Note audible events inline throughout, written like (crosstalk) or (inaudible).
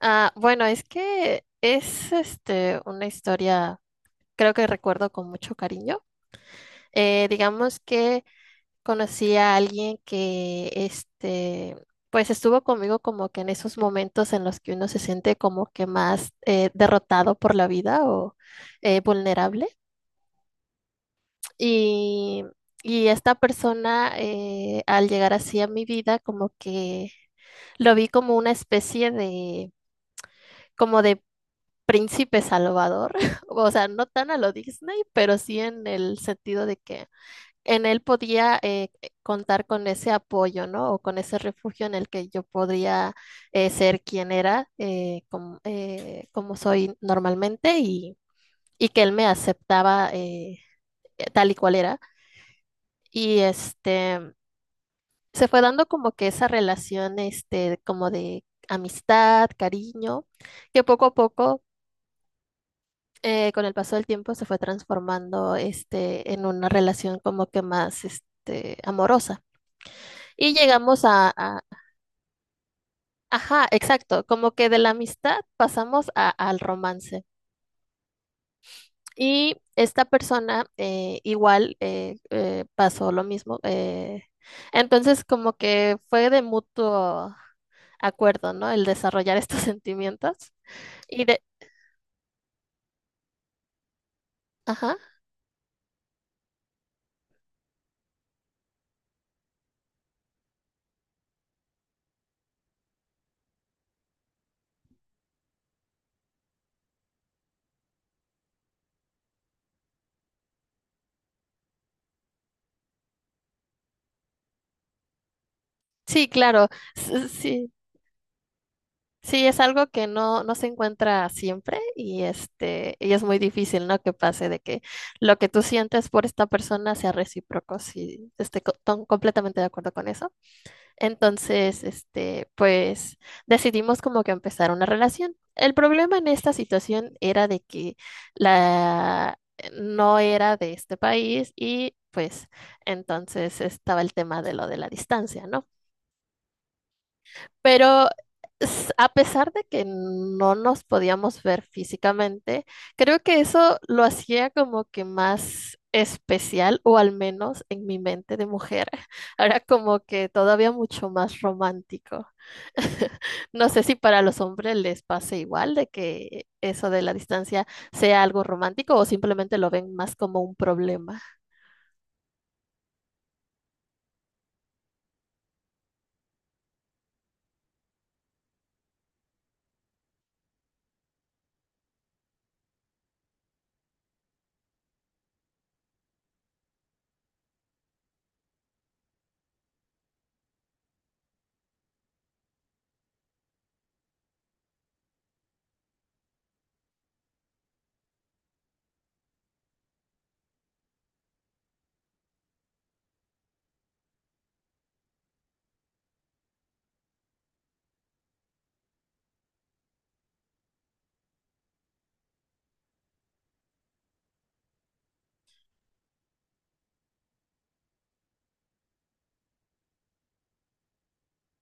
Bueno, es que es una historia, creo que recuerdo con mucho cariño. Digamos que conocí a alguien que pues estuvo conmigo como que en esos momentos en los que uno se siente como que más derrotado por la vida o vulnerable. Y, y esta persona al llegar así a mi vida como que lo vi como una especie de como de príncipe salvador, (laughs) o sea, no tan a lo Disney, pero sí en el sentido de que en él podía contar con ese apoyo, ¿no? O con ese refugio en el que yo podría ser quien era, como soy normalmente, y que él me aceptaba tal y cual era. Y se fue dando como que esa relación, como de amistad, cariño, que poco a poco con el paso del tiempo se fue transformando en una relación como que más amorosa. Y llegamos ajá, exacto, como que de la amistad pasamos al romance. Y esta persona igual pasó lo mismo. Entonces como que fue de mutuo acuerdo, ¿no? El desarrollar estos (laughs) sentimientos. Y de, ajá, sí, claro, sí. Sí, es algo que no se encuentra siempre y y es muy difícil, ¿no? Que pase de que lo que tú sientes por esta persona sea recíproco, si estoy completamente de acuerdo con eso. Entonces, pues decidimos como que empezar una relación. El problema en esta situación era de que la no era de este país y pues entonces estaba el tema de lo de la distancia, ¿no? Pero a pesar de que no nos podíamos ver físicamente, creo que eso lo hacía como que más especial, o al menos en mi mente de mujer. (laughs) Era como que todavía mucho más romántico. (laughs) No sé si para los hombres les pase igual de que eso de la distancia sea algo romántico o simplemente lo ven más como un problema.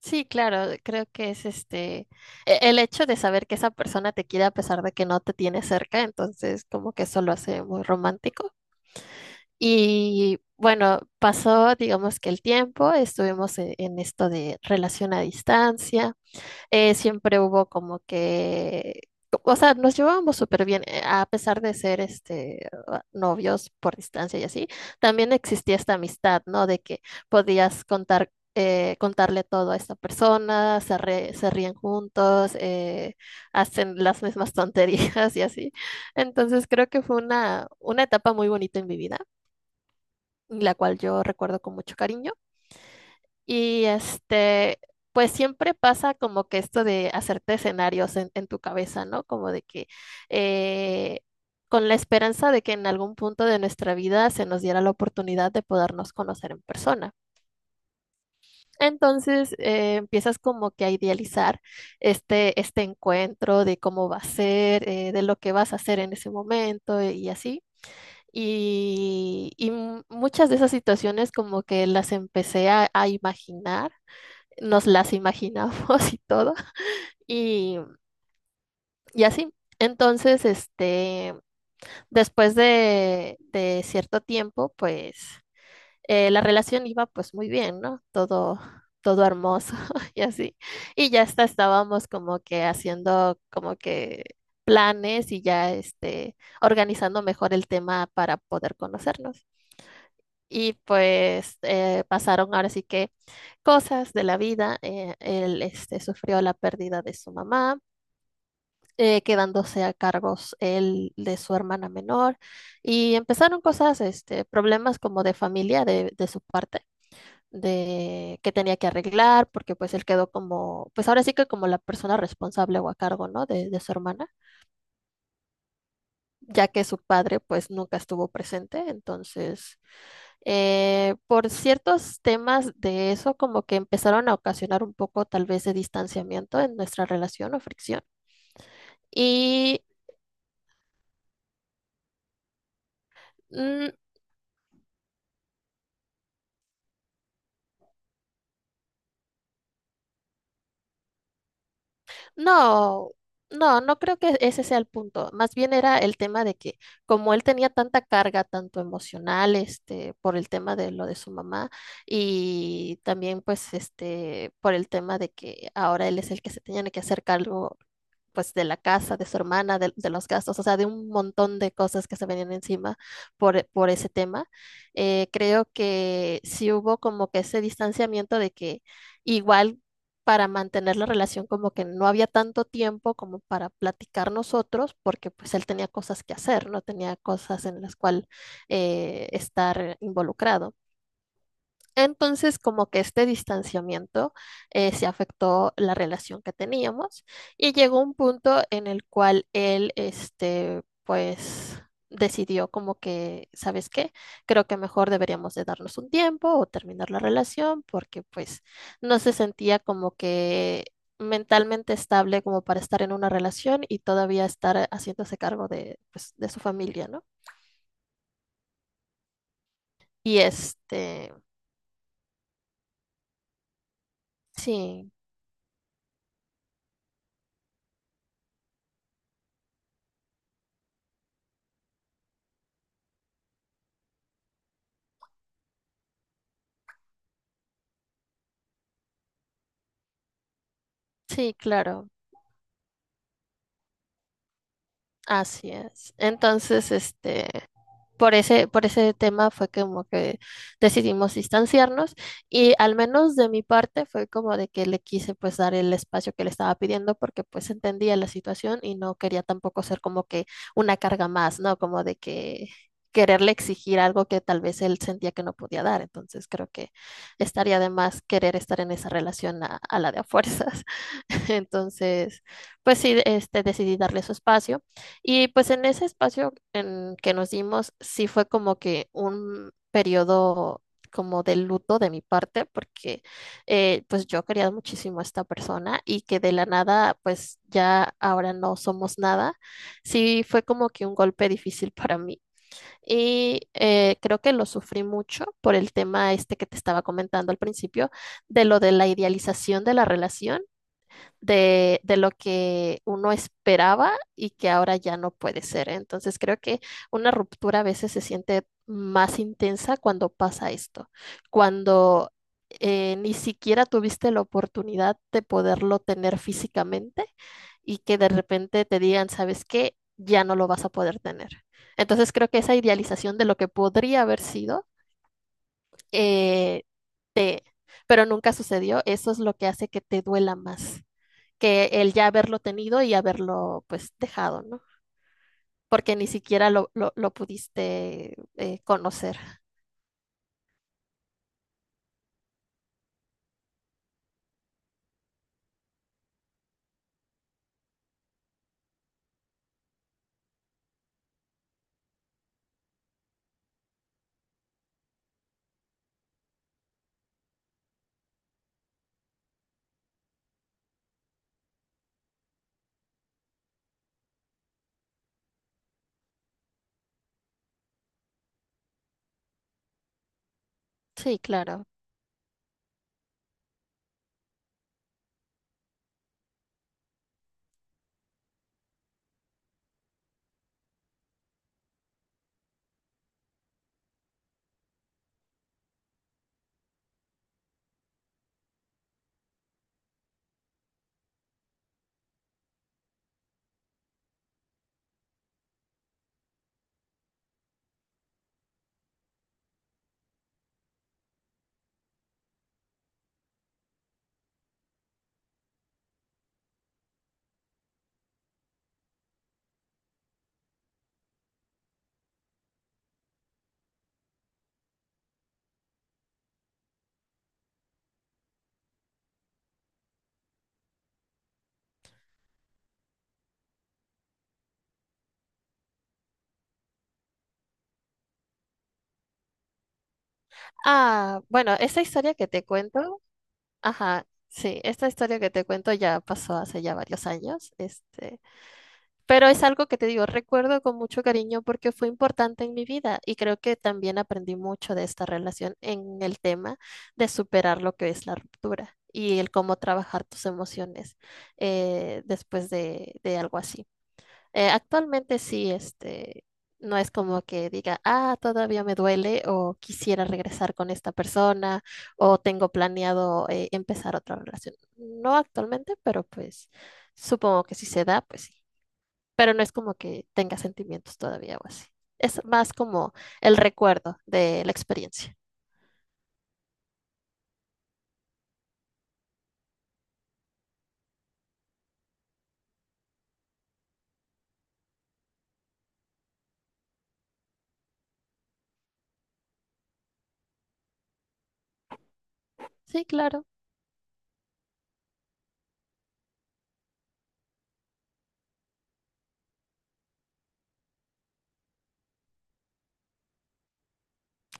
Sí, claro, creo que es el hecho de saber que esa persona te quiere a pesar de que no te tiene cerca, entonces como que eso lo hace muy romántico. Y bueno, pasó, digamos que el tiempo, estuvimos en esto de relación a distancia siempre hubo como que, o sea, nos llevábamos súper bien, a pesar de ser novios por distancia y así, también existía esta amistad, ¿no? De que podías contar, contarle todo a esta persona, se ríen juntos, hacen las mismas (laughs) tonterías y así. Entonces creo que fue una etapa muy bonita en mi vida, la cual yo recuerdo con mucho cariño. Y pues siempre pasa como que esto de hacerte escenarios en tu cabeza, ¿no? Como de que eh, con la esperanza de que en algún punto de nuestra vida se nos diera la oportunidad de podernos conocer en persona. Entonces empiezas como que a idealizar este encuentro de cómo va a ser, de lo que vas a hacer en ese momento y así. Muchas de esas situaciones como que las empecé a imaginar nos las imaginamos (laughs) y todo, y, y así. Entonces, después de cierto tiempo, pues la relación iba pues muy bien, ¿no? Todo hermoso (laughs) y así. Y ya hasta estábamos como que haciendo como que planes y ya organizando mejor el tema para poder conocernos. Y pues pasaron ahora sí que cosas de la vida. Él sufrió la pérdida de su mamá, quedándose a cargos él de su hermana menor y empezaron cosas, problemas como de familia de su parte, de que tenía que arreglar, porque pues él quedó como, pues ahora sí que como la persona responsable o a cargo, ¿no? De su hermana, ya que su padre pues nunca estuvo presente, entonces por ciertos temas de eso, como que empezaron a ocasionar un poco tal vez de distanciamiento en nuestra relación o fricción. Y mm, no, no creo que ese sea el punto. Más bien era el tema de que como él tenía tanta carga, tanto emocional, por el tema de lo de su mamá y también pues por el tema de que ahora él es el que se tenía que hacer cargo pues de la casa, de su hermana, los gastos, o sea, de un montón de cosas que se venían encima por ese tema. Creo que sí hubo como que ese distanciamiento de que igual para mantener la relación como que no había tanto tiempo como para platicar nosotros, porque pues él tenía cosas que hacer, no tenía cosas en las cuales estar involucrado. Entonces, como que este distanciamiento se afectó la relación que teníamos y llegó un punto en el cual él, pues decidió como que, ¿sabes qué? Creo que mejor deberíamos de darnos un tiempo o terminar la relación porque pues no se sentía como que mentalmente estable como para estar en una relación y todavía estar haciéndose cargo de, pues, de su familia, ¿no? Y sí, sí, claro. Así es. Entonces, por ese tema fue como que decidimos distanciarnos y al menos de mi parte fue como de que le quise pues dar el espacio que le estaba pidiendo porque pues entendía la situación y no quería tampoco ser como que una carga más, ¿no? Como de que quererle exigir algo que tal vez él sentía que no podía dar. Entonces creo que estaría de más querer estar en esa relación a la de a fuerzas. (laughs) Entonces, pues sí, decidí darle su espacio. Y pues en ese espacio en que nos dimos, sí fue como que un periodo como de luto de mi parte, porque pues yo quería muchísimo a esta persona y que de la nada, pues ya ahora no somos nada, sí fue como que un golpe difícil para mí. Y creo que lo sufrí mucho por el tema este que te estaba comentando al principio, de lo de la idealización de la relación de lo que uno esperaba y que ahora ya no puede ser. Entonces creo que una ruptura a veces se siente más intensa cuando pasa esto, cuando ni siquiera tuviste la oportunidad de poderlo tener físicamente y que de repente te digan, ¿sabes qué? Ya no lo vas a poder tener. Entonces creo que esa idealización de lo que podría haber sido, eh, te, pero nunca sucedió, eso es lo que hace que te duela más que el ya haberlo tenido y haberlo pues dejado, ¿no? Porque ni siquiera lo pudiste conocer. Sí, claro. Ah, bueno, esta historia que te cuento, ajá, sí, esta historia que te cuento ya pasó hace ya varios años, este. Pero es algo que te digo, recuerdo con mucho cariño porque fue importante en mi vida y creo que también aprendí mucho de esta relación en el tema de superar lo que es la ruptura y el cómo trabajar tus emociones después de algo así. Actualmente sí, no es como que diga, ah, todavía me duele o quisiera regresar con esta persona o tengo planeado empezar otra relación. No actualmente, pero pues supongo que si se da, pues sí pero no es como que tenga sentimientos todavía o así. Es más como el recuerdo de la experiencia. Sí, claro,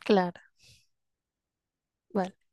claro. Vale.